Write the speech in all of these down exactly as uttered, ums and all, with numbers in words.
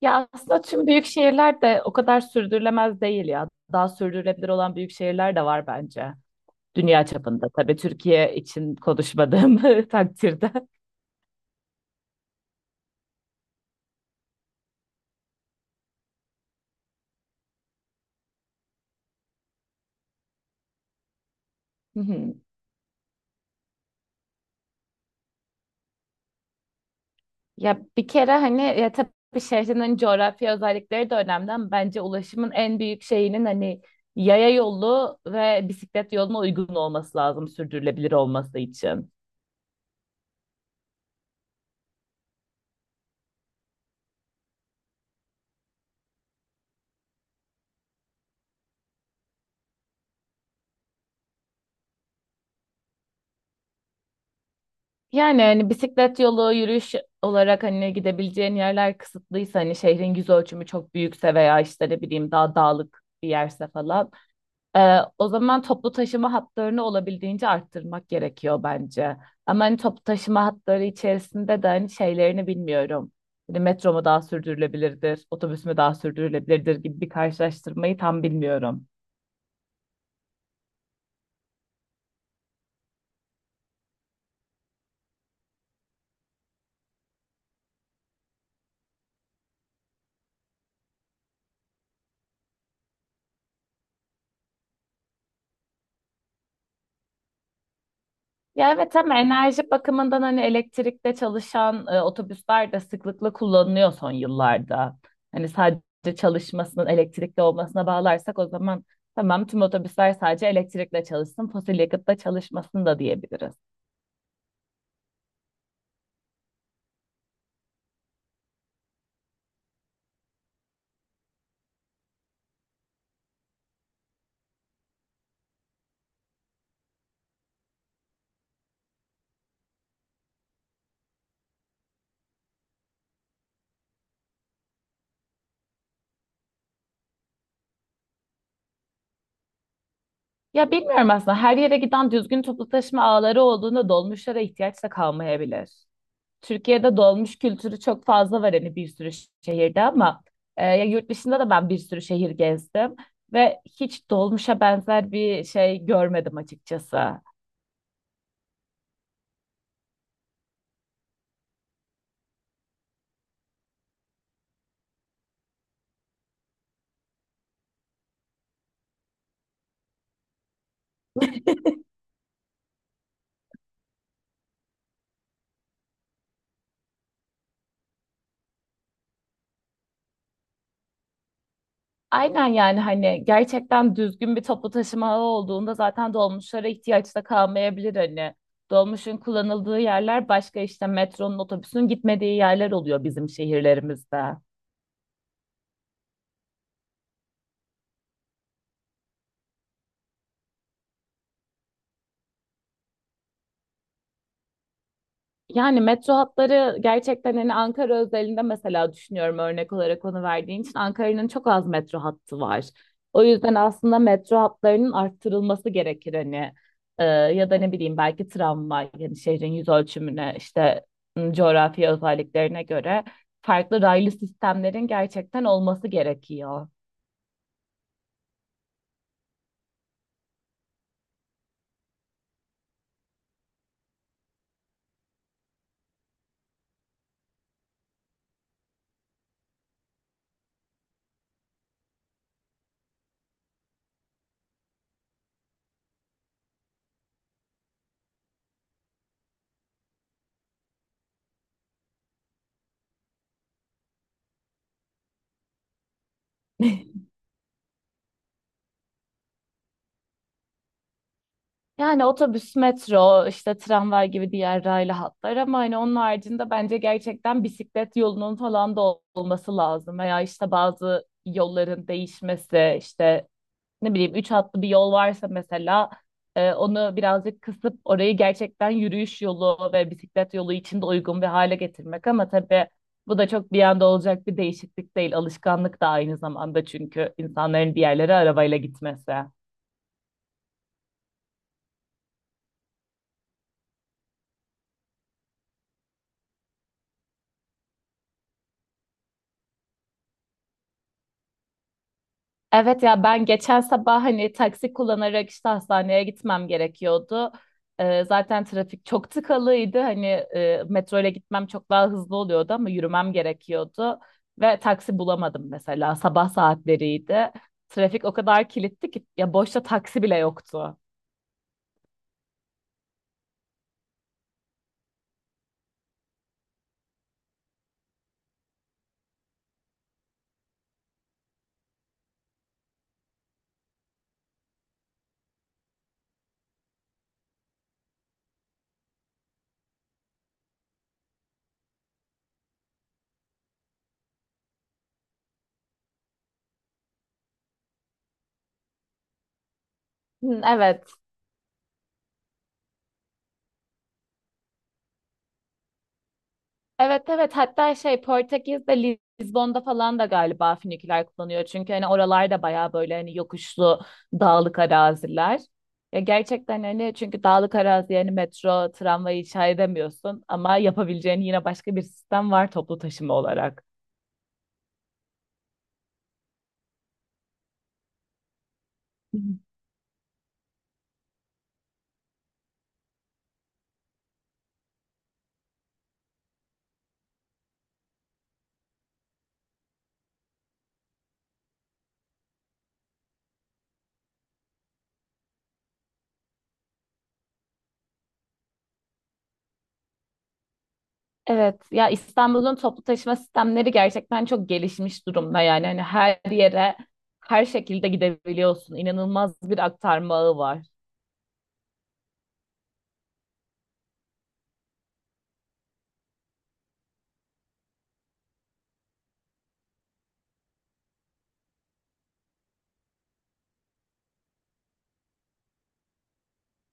Ya aslında tüm büyük şehirler de o kadar sürdürülemez değil ya. Daha sürdürülebilir olan büyük şehirler de var bence. Dünya çapında, tabii Türkiye için konuşmadığım takdirde. Hı hı. Ya bir kere, hani, ya tabii şehrinin coğrafya özellikleri de önemli ama bence ulaşımın en büyük şeyinin, hani, yaya yolu ve bisiklet yoluna uygun olması lazım sürdürülebilir olması için. Yani hani bisiklet yolu, yürüyüş olarak hani gidebileceğin yerler kısıtlıysa, hani şehrin yüz ölçümü çok büyükse veya işte ne bileyim daha dağlık bir yerse falan, e, o zaman toplu taşıma hatlarını olabildiğince arttırmak gerekiyor bence. Ama hani toplu taşıma hatları içerisinde de hani şeylerini bilmiyorum. Hani metro mu daha sürdürülebilirdir, otobüs mü daha sürdürülebilirdir gibi bir karşılaştırmayı tam bilmiyorum. Ya evet, hem enerji bakımından hani elektrikte çalışan e, otobüsler de sıklıkla kullanılıyor son yıllarda. Hani sadece çalışmasının elektrikli olmasına bağlarsak o zaman tamam, tüm otobüsler sadece elektrikle çalışsın, fosil yakıtla çalışmasın da diyebiliriz. Ya bilmiyorum, aslında her yere giden düzgün toplu taşıma ağları olduğunda dolmuşlara ihtiyaç da kalmayabilir. Türkiye'de dolmuş kültürü çok fazla var, hani bir sürü şehirde ama e, ya yurt dışında da ben bir sürü şehir gezdim ve hiç dolmuşa benzer bir şey görmedim açıkçası. Aynen, yani hani gerçekten düzgün bir toplu taşıma ağı olduğunda zaten dolmuşlara ihtiyaç da kalmayabilir hani. Dolmuşun kullanıldığı yerler başka, işte metronun, otobüsün gitmediği yerler oluyor bizim şehirlerimizde. Yani metro hatları gerçekten, hani, Ankara özelinde mesela düşünüyorum, örnek olarak onu verdiğin için, Ankara'nın çok az metro hattı var. O yüzden aslında metro hatlarının arttırılması gerekir hani. Ee, ya da ne bileyim belki tramvay, yani şehrin yüz ölçümüne, işte m, coğrafi özelliklerine göre farklı raylı sistemlerin gerçekten olması gerekiyor. Yani otobüs, metro, işte tramvay gibi diğer raylı hatlar ama hani onun haricinde bence gerçekten bisiklet yolunun falan da ol- olması lazım. Veya işte bazı yolların değişmesi, işte ne bileyim üç hatlı bir yol varsa mesela e, onu birazcık kısıp orayı gerçekten yürüyüş yolu ve bisiklet yolu için de uygun bir hale getirmek. Ama tabii bu da çok bir anda olacak bir değişiklik değil. Alışkanlık da aynı zamanda, çünkü insanların bir yerlere arabayla gitmesi. Evet ya, ben geçen sabah hani taksi kullanarak işte hastaneye gitmem gerekiyordu. Ee, zaten trafik çok tıkalıydı. Hani e, metro ile gitmem çok daha hızlı oluyordu ama yürümem gerekiyordu. Ve taksi bulamadım mesela. Sabah saatleriydi. Trafik o kadar kilitli ki ya boşta taksi bile yoktu. Hı, evet. Evet, evet, hatta şey Portekiz'de, Lizbon'da falan da galiba füniküler kullanıyor. Çünkü hani oralarda bayağı böyle hani yokuşlu, dağlık araziler. Ya gerçekten hani, çünkü dağlık arazi, yani metro, tramvay inşa edemiyorsun ama yapabileceğin yine başka bir sistem var toplu taşıma olarak. Evet, ya İstanbul'un toplu taşıma sistemleri gerçekten çok gelişmiş durumda, yani hani her yere her şekilde gidebiliyorsun. İnanılmaz bir aktarma ağı var.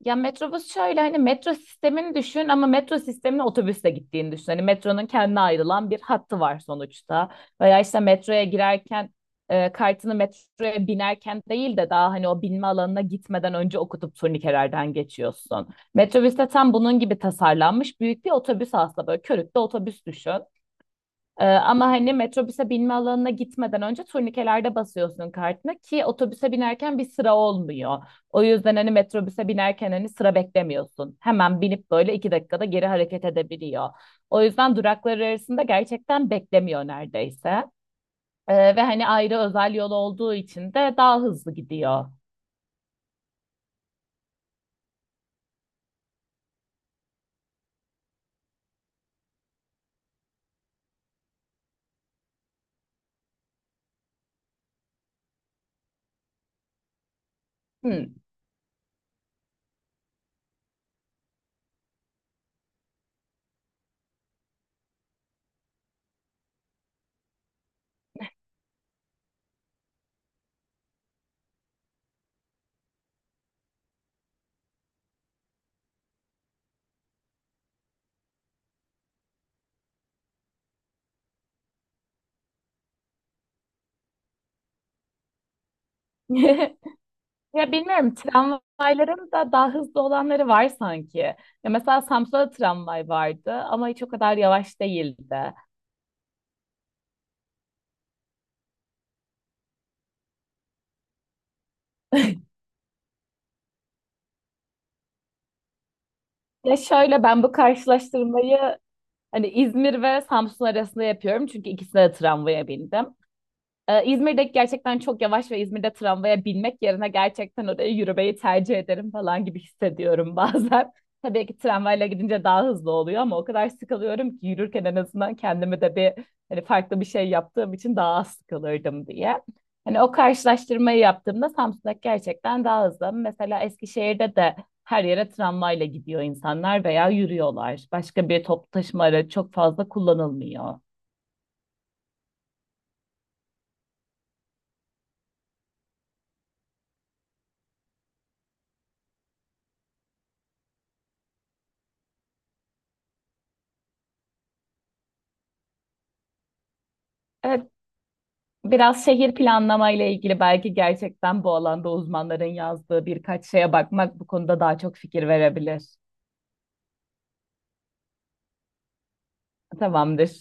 Ya metrobüs şöyle, hani metro sistemini düşün ama metro sistemine otobüsle gittiğini düşün. Hani metronun kendine ayrılan bir hattı var sonuçta. Veya işte metroya girerken e, kartını metroya binerken değil de daha hani o binme alanına gitmeden önce okutup turnikelerden geçiyorsun. Metrobüs de tam bunun gibi tasarlanmış büyük bir otobüs aslında, böyle körükte otobüs düşün. Ee, ama hani metrobüse binme alanına gitmeden önce turnikelerde basıyorsun kartını ki otobüse binerken bir sıra olmuyor. O yüzden hani metrobüse binerken hani sıra beklemiyorsun. Hemen binip böyle iki dakikada geri hareket edebiliyor. O yüzden duraklar arasında gerçekten beklemiyor neredeyse. Ee, ve hani ayrı özel yol olduğu için de daha hızlı gidiyor. Hmm. Ya bilmiyorum, tramvayların da daha hızlı olanları var sanki. Ya mesela Samsun'da da tramvay vardı ama hiç o kadar yavaş değildi. Ya şöyle, ben bu karşılaştırmayı hani İzmir ve Samsun arasında yapıyorum, çünkü ikisine de tramvaya bindim. Ee, İzmir'deki gerçekten çok yavaş ve İzmir'de tramvaya binmek yerine gerçekten oraya yürümeyi tercih ederim falan gibi hissediyorum bazen. Tabii ki tramvayla gidince daha hızlı oluyor ama o kadar sıkılıyorum ki yürürken en azından kendimi de bir, hani, farklı bir şey yaptığım için daha az sıkılırdım diye. Hani o karşılaştırmayı yaptığımda Samsun'daki gerçekten daha hızlı. Mesela Eskişehir'de de her yere tramvayla gidiyor insanlar veya yürüyorlar. Başka bir toplu taşıma aracı çok fazla kullanılmıyor. Evet. Biraz şehir planlama ile ilgili belki gerçekten bu alanda uzmanların yazdığı birkaç şeye bakmak bu konuda daha çok fikir verebilir. Tamamdır.